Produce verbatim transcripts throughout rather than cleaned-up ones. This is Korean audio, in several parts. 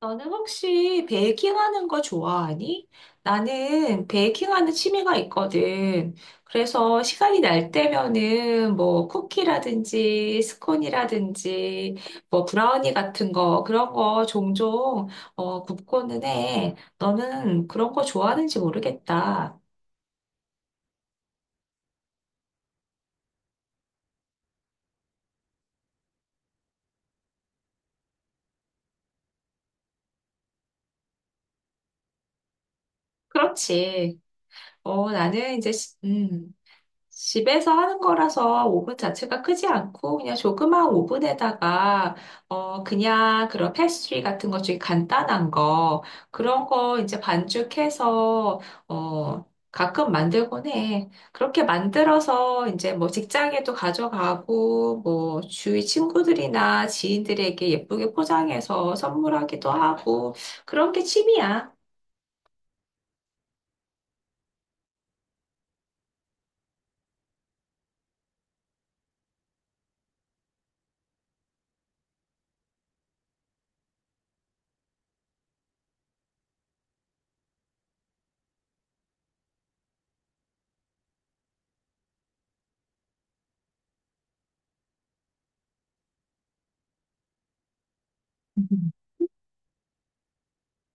너는 혹시 베이킹하는 거 좋아하니? 나는 베이킹하는 취미가 있거든. 그래서 시간이 날 때면은 뭐 쿠키라든지 스콘이라든지 뭐 브라우니 같은 거 그런 거 종종 어, 굽고는 해. 너는 그런 거 좋아하는지 모르겠다. 그렇지. 어, 나는 이제, 시- 음. 집에서 하는 거라서 오븐 자체가 크지 않고 그냥 조그마한 오븐에다가 어 그냥 그런 패스트리 같은 것 중에 간단한 거 그런 거 이제 반죽해서 어 가끔 만들곤 해. 그렇게 만들어서 이제 뭐 직장에도 가져가고 뭐 주위 친구들이나 지인들에게 예쁘게 포장해서 선물하기도 하고 그런 게 취미야.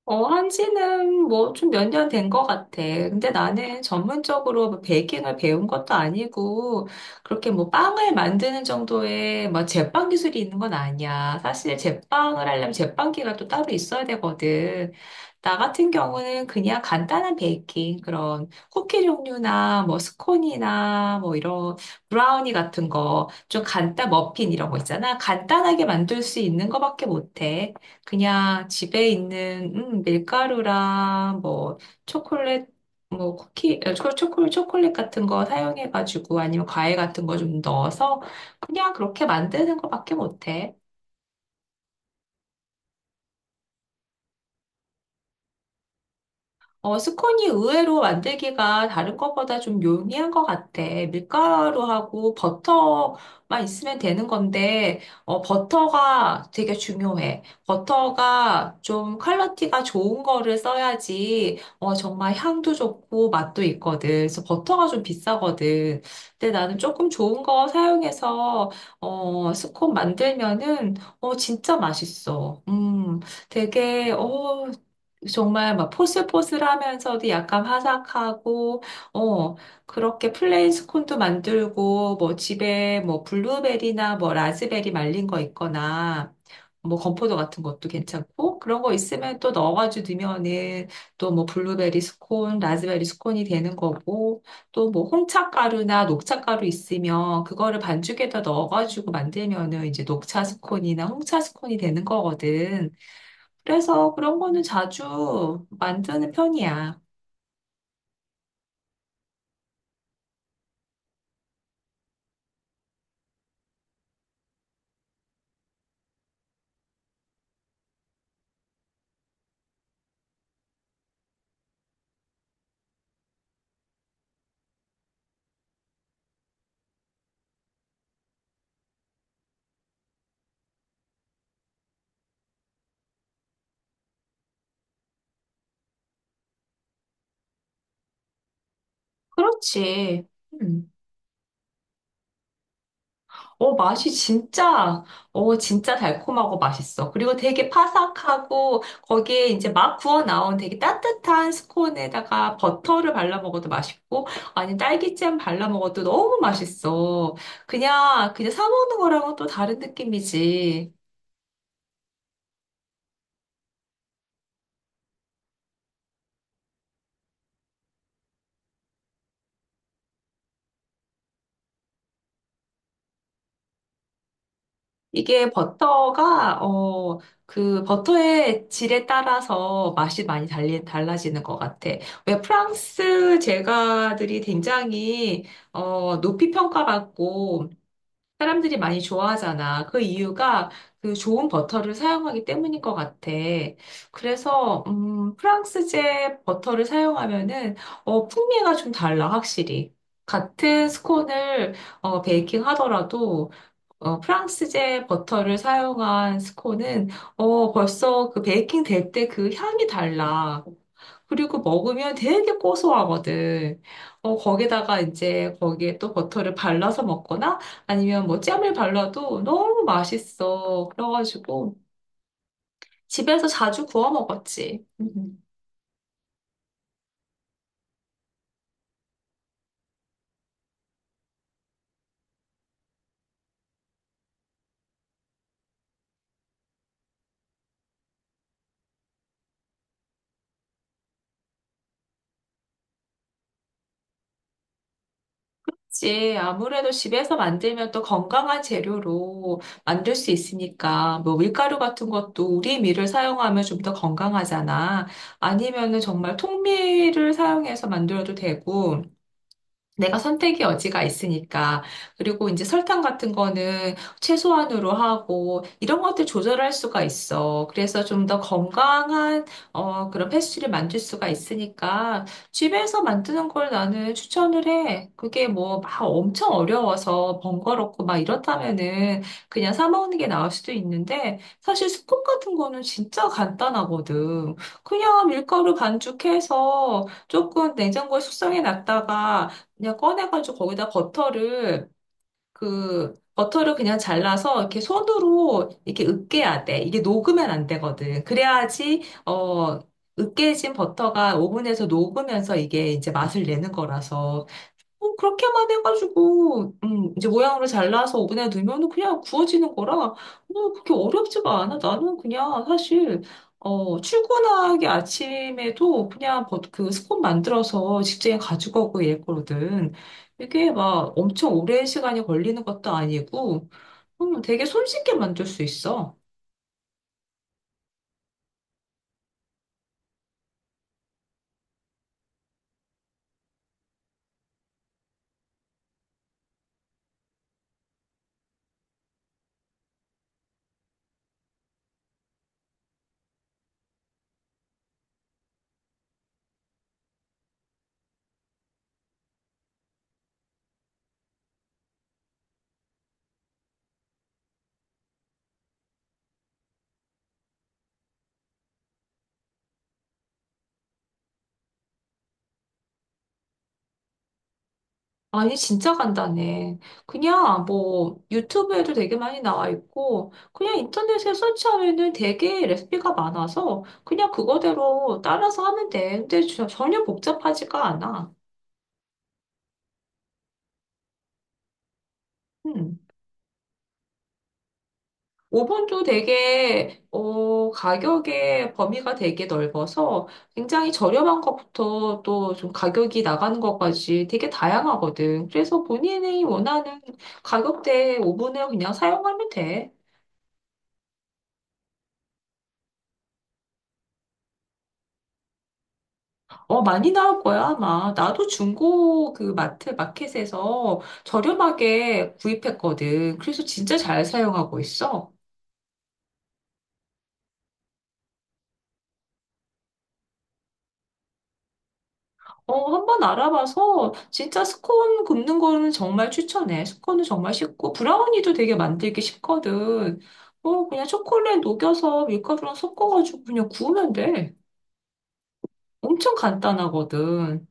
어, 한지는 뭐 좀 몇 년 된 것 같아. 근데 나는 전문적으로 뭐 베이킹을 배운 것도 아니고, 그렇게 뭐 빵을 만드는 정도의 뭐 제빵 기술이 있는 건 아니야. 사실 제빵을 하려면 제빵기가 또 따로 있어야 되거든. 나 같은 경우는 그냥 간단한 베이킹, 그런 쿠키 종류나 뭐 스콘이나 뭐 이런 브라우니 같은 거, 좀 간단, 머핀 이런 거 있잖아. 간단하게 만들 수 있는 거밖에 못해. 그냥 집에 있는 음, 밀가루랑 뭐 초콜릿 뭐 쿠키 어, 초- 초콜 초콜릿 같은 거 사용해가지고 아니면 과일 같은 거 좀 넣어서 그냥 그렇게 만드는 거밖에 못해. 어, 스콘이 의외로 만들기가 다른 것보다 좀 용이한 것 같아. 밀가루하고 버터만 있으면 되는 건데, 어, 버터가 되게 중요해. 버터가 좀 퀄리티가 좋은 거를 써야지, 어, 정말 향도 좋고 맛도 있거든. 그래서 버터가 좀 비싸거든. 근데 나는 조금 좋은 거 사용해서, 어, 스콘 만들면은, 어, 진짜 맛있어. 음, 되게, 어, 정말 막 포슬포슬하면서도 약간 화사하고 어 그렇게 플레인 스콘도 만들고 뭐 집에 뭐 블루베리나 뭐 라즈베리 말린 거 있거나 뭐 건포도 같은 것도 괜찮고 그런 거 있으면 또 넣어가지고 넣으면은 또 뭐 블루베리 스콘, 라즈베리 스콘이 되는 거고 또 뭐 홍차 가루나 녹차 가루 있으면 그거를 반죽에다 넣어가지고 만들면은 이제 녹차 스콘이나 홍차 스콘이 되는 거거든. 그래서 그런 거는 자주 만드는 편이야. 그렇지. 음. 어, 맛이 진짜, 어, 진짜 달콤하고 맛있어. 그리고 되게 파삭하고 거기에 이제 막 구워 나온 되게 따뜻한 스콘에다가 버터를 발라 먹어도 맛있고, 아니, 딸기잼 발라 먹어도 너무 맛있어. 그냥, 그냥 사 먹는 거랑은 또 다른 느낌이지. 이게 버터가, 어, 그 버터의 질에 따라서 맛이 많이 달리, 달라지는 것 같아. 왜 프랑스 제과들이 굉장히, 어, 높이 평가받고 사람들이 많이 좋아하잖아. 그 이유가 그 좋은 버터를 사용하기 때문인 것 같아. 그래서, 음, 프랑스제 버터를 사용하면은, 어, 풍미가 좀 달라, 확실히. 같은 스콘을, 어, 베이킹 하더라도, 어, 프랑스제 버터를 사용한 스콘은 어, 벌써 그 베이킹 될 때 그 향이 달라. 그리고 먹으면 되게 고소하거든. 어, 거기다가 이제 거기에 또 버터를 발라서 먹거나 아니면 뭐 잼을 발라도 너무 맛있어. 그래가지고 집에서 자주 구워 먹었지. 음. 그치. 아무래도 집에서 만들면 또 건강한 재료로 만들 수 있으니까, 뭐 밀가루 같은 것도 우리 밀을 사용하면 좀 더 건강하잖아. 아니면은 정말 통밀을 사용해서 만들어도 되고, 내가 선택의 여지가 있으니까. 그리고 이제 설탕 같은 거는 최소한으로 하고, 이런 것들 조절할 수가 있어. 그래서 좀 더 건강한, 어, 그런 패스트리를 만들 수가 있으니까, 집에서 만드는 걸 나는 추천을 해. 그게 뭐 막 엄청 어려워서 번거롭고 막 이렇다면은 그냥 사 먹는 게 나을 수도 있는데, 사실 스콘 같은 거는 진짜 간단하거든. 그냥 밀가루 반죽해서 조금 냉장고에 숙성해 놨다가, 그냥 꺼내가지고 거기다 버터를 그 버터를 그냥 잘라서 이렇게 손으로 이렇게 으깨야 돼. 이게 녹으면 안 되거든. 그래야지 어 으깨진 버터가 오븐에서 녹으면서 이게 이제 맛을 내는 거라서 어, 그렇게만 해가지고, 음, 이제 모양으로 잘라서 오븐에 넣으면 그냥 구워지는 거라, 어, 그렇게 어렵지가 않아. 나는 그냥 사실, 어, 출근하기 아침에도 그냥 버- 그 스콘 만들어서 직장에 가지고 오고 이랬거든. 이게 막 엄청 오랜 시간이 걸리는 것도 아니고, 음, 되게 손쉽게 만들 수 있어. 아니, 진짜 간단해. 그냥 뭐 유튜브에도 되게 많이 나와 있고, 그냥 인터넷에 서치하면은 되게 레시피가 많아서 그냥 그거대로 따라서 하면 돼. 근데 저- 전혀 복잡하지가 않아. 음. 오븐도 되게, 어, 가격의 범위가 되게 넓어서 굉장히 저렴한 것부터 또 좀 가격이 나가는 것까지 되게 다양하거든. 그래서 본인이 원하는 가격대의 오븐을 그냥 사용하면 돼. 어, 많이 나올 거야, 아마. 나도 중고 그 마트, 마켓에서 저렴하게 구입했거든. 그래서 진짜 잘 사용하고 있어. 어, 한번 알아봐서 진짜 스콘 굽는 거는 정말 추천해. 스콘은 정말 쉽고, 브라우니도 되게 만들기 쉽거든. 어, 그냥 초콜릿 녹여서 밀가루랑 섞어가지고 그냥 구우면 돼. 엄청 간단하거든.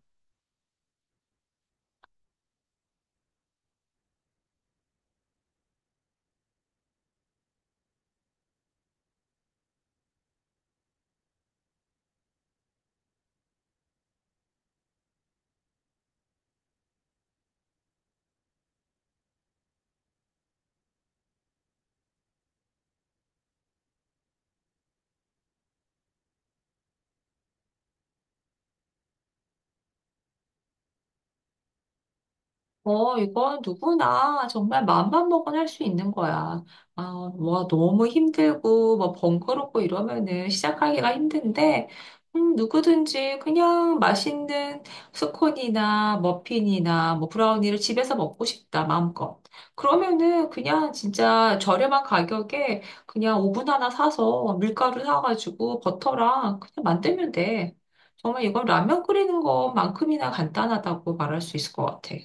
어, 이건 누구나 정말 맘만 먹으면 할 수 있는 거야. 아, 뭐 너무 힘들고 뭐 번거롭고 이러면은 시작하기가 힘든데, 음, 누구든지 그냥 맛있는 스콘이나 머핀이나 뭐 브라우니를 집에서 먹고 싶다, 마음껏. 그러면은 그냥 진짜 저렴한 가격에 그냥 오븐 하나 사서 밀가루 사가지고 버터랑 그냥 만들면 돼. 정말 이건 라면 끓이는 것만큼이나 간단하다고 말할 수 있을 것 같아.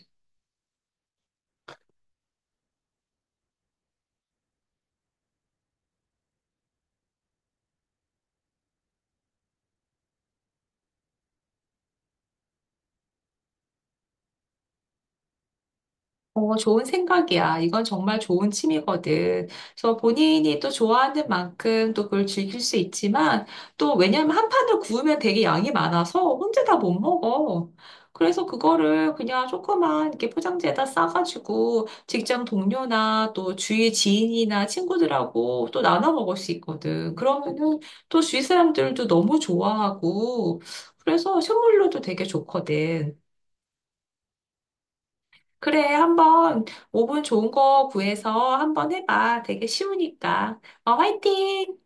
어, 좋은 생각이야. 이건 정말 좋은 취미거든. 그래서 본인이 또 좋아하는 만큼 또 그걸 즐길 수 있지만 또 왜냐면 한 판을 구우면 되게 양이 많아서 혼자 다 못 먹어. 그래서 그거를 그냥 조그만 이렇게 포장지에다 싸가지고 직장 동료나 또 주위 지인이나 친구들하고 또 나눠 먹을 수 있거든. 그러면은 또 주위 사람들도 너무 좋아하고 그래서 선물로도 되게 좋거든. 그래, 한번 오븐 좋은 거 구해서 한번 해봐. 되게 쉬우니까. 어, 화이팅!